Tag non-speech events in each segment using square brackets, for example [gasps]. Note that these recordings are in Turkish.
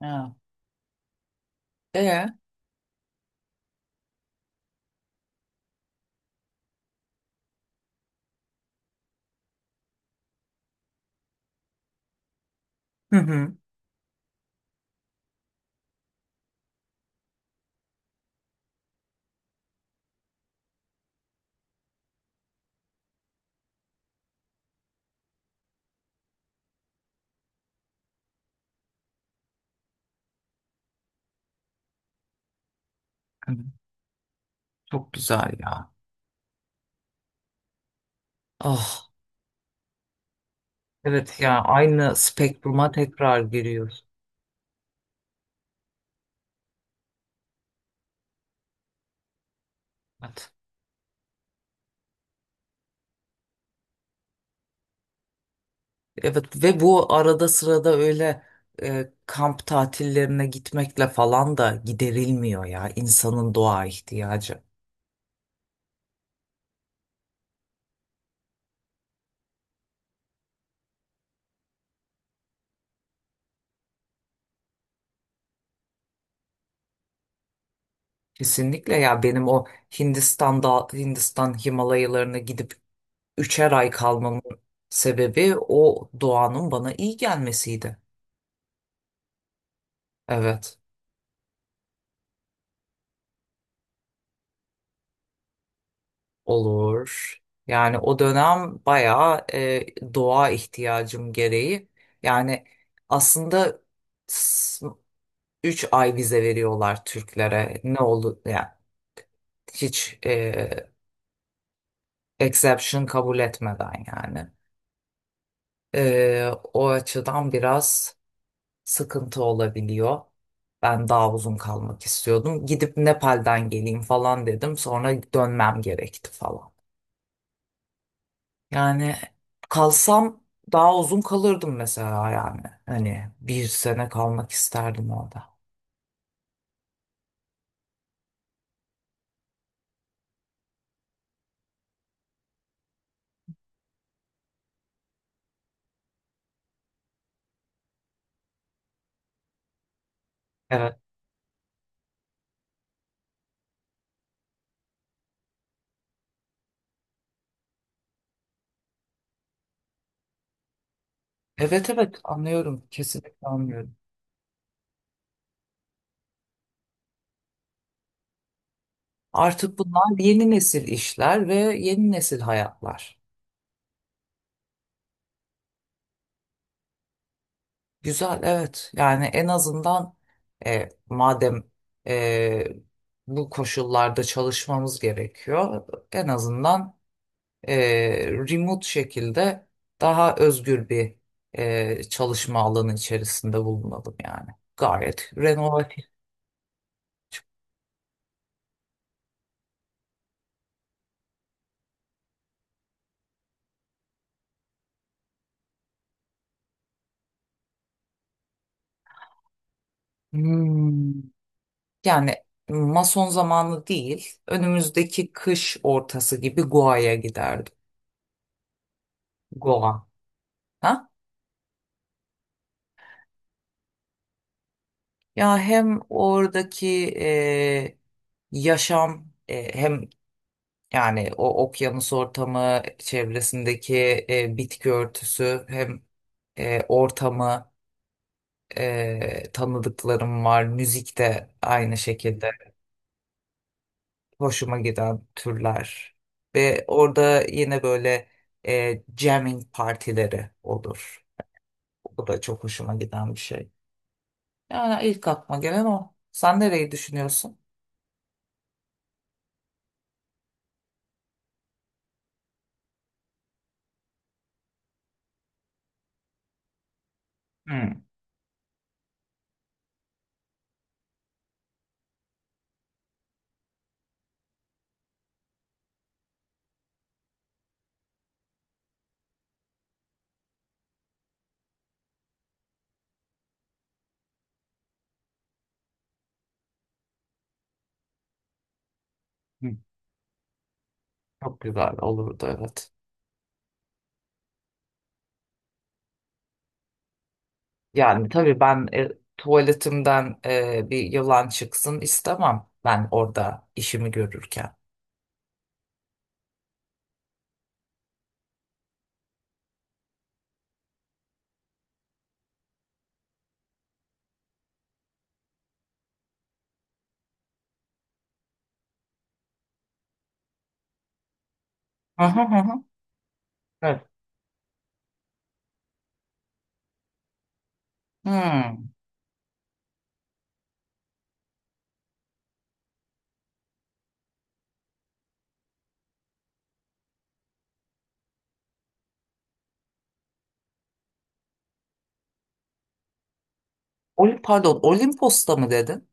Ha. Ee? Hı hı. Hı, Çok güzel ya. Ah, evet ya, aynı spektruma tekrar giriyoruz. Evet. Evet ve bu arada sırada öyle kamp tatillerine gitmekle falan da giderilmiyor ya insanın doğa ihtiyacı. Kesinlikle ya, benim o Hindistan Himalayalarına gidip 3'er ay kalmamın sebebi o doğanın bana iyi gelmesiydi. Evet. Olur. Yani o dönem bayağı doğa ihtiyacım gereği. Yani aslında 3 ay vize veriyorlar Türklere. Ne oldu? Yani hiç exception kabul etmeden yani. O açıdan biraz sıkıntı olabiliyor. Ben daha uzun kalmak istiyordum. Gidip Nepal'den geleyim falan dedim. Sonra dönmem gerekti falan. Yani kalsam daha uzun kalırdım mesela yani. Hani bir sene kalmak isterdim orada. Evet. Evet evet, anlıyorum. Kesinlikle anlıyorum. Artık bunlar yeni nesil işler ve yeni nesil hayatlar. Güzel, evet. Yani en azından madem e, bu koşullarda çalışmamız gerekiyor, en azından e, remote şekilde daha özgür bir çalışma alanı içerisinde bulunalım yani. Gayet renovatif. Hmm. Yani mason zamanı değil, önümüzdeki kış ortası gibi Goa'ya giderdim. Goa. Ha? Ya hem oradaki e, yaşam hem yani o okyanus ortamı çevresindeki bitki örtüsü hem ortamı tanıdıklarım var. Müzik de aynı şekilde hoşuma giden türler. Ve orada yine böyle jamming partileri olur. O da çok hoşuma giden bir şey. Yani ilk aklıma gelen o. Sen nereyi düşünüyorsun? Hmm. Çok güzel olurdu, evet. Yani tabii ben tuvaletimden bir yılan çıksın istemem ben orada işimi görürken. Hı hı hı. Hı. Evet. Hmm. Pardon, Olimpos'ta mı dedin?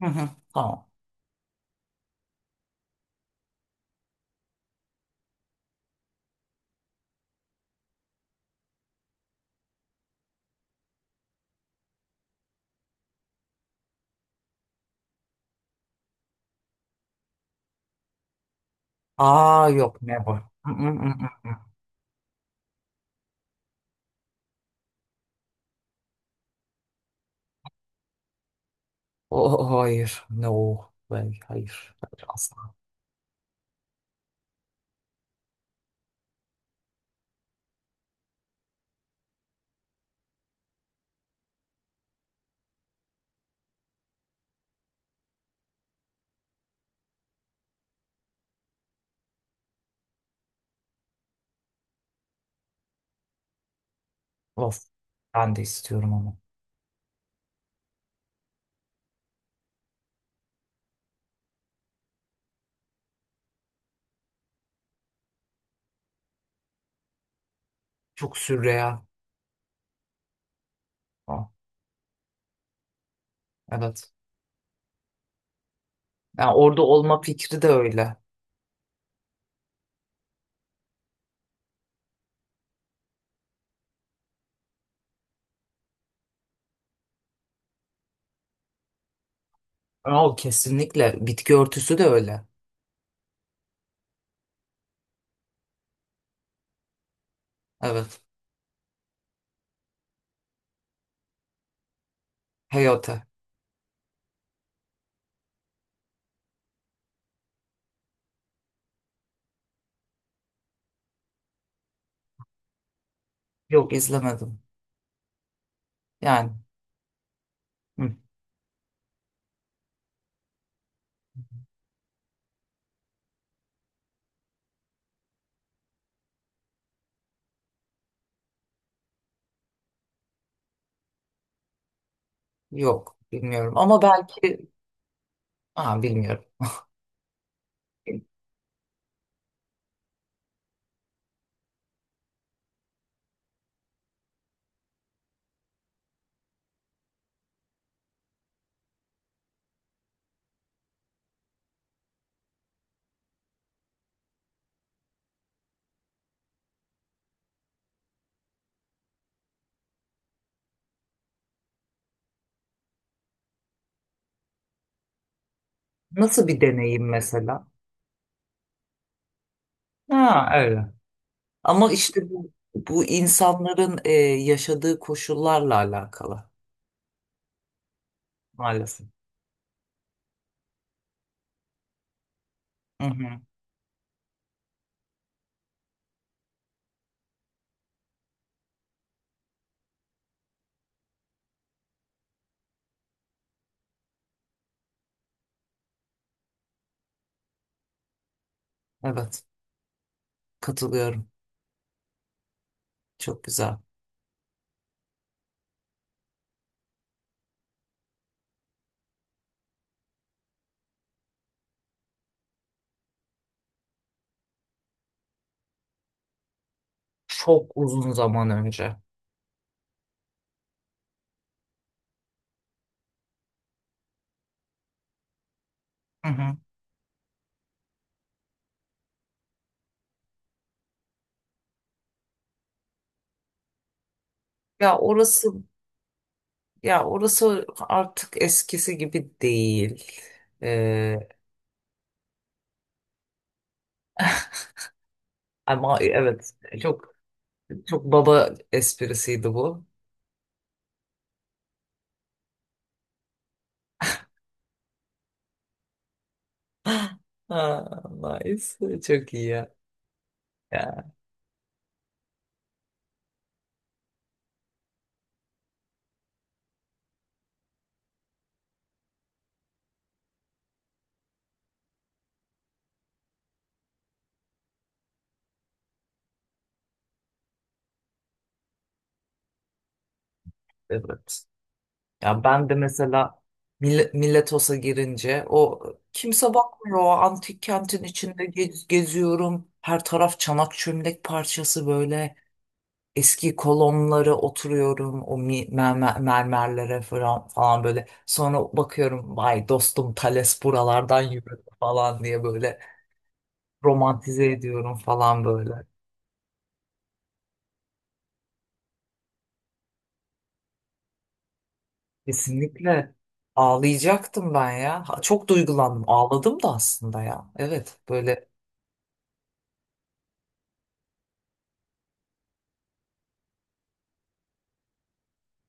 Hı hı. Tamam. Aa, yok, never. Mm, mm, mm, mm, mm. Oh, hayır. No. Hayır. Hayır. Hayır, asla. Of. Ben de istiyorum ama... Çok sürreal. Oh, evet. Yani orada olma fikri de öyle. O kesinlikle. Bitki örtüsü de öyle. Evet. Hayata. Yok, izlemedim. Yani hı, yok bilmiyorum. Ama belki... Aa, bilmiyorum. Nasıl bir deneyim mesela? Ha, öyle. Ama işte bu insanların yaşadığı koşullarla alakalı maalesef. Hı hı. Evet, katılıyorum. Çok güzel. Çok uzun zaman önce. Hı hı. Ya orası... Ya orası artık eskisi gibi değil. Ee, ama evet, çok çok baba esprisiydi bu. [gasps] [laughs] Ha, nice. Çok iyi ya. Ya, evet. Ya ben de mesela Miletos'a girince o, kimse bakmıyor. O antik kentin içinde geziyorum. Her taraf çanak çömlek parçası böyle. Eski kolonlara oturuyorum o mermerlere falan, falan böyle. Sonra bakıyorum, vay dostum, Thales buralardan yürüdü falan diye böyle romantize ediyorum falan böyle. Kesinlikle ağlayacaktım ben ya. Ha, çok duygulandım. Ağladım da aslında ya. Evet böyle...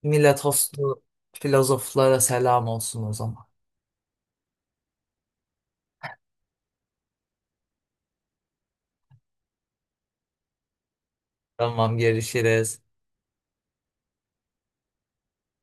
Miletoslu filozoflara selam olsun o zaman. Tamam, görüşürüz.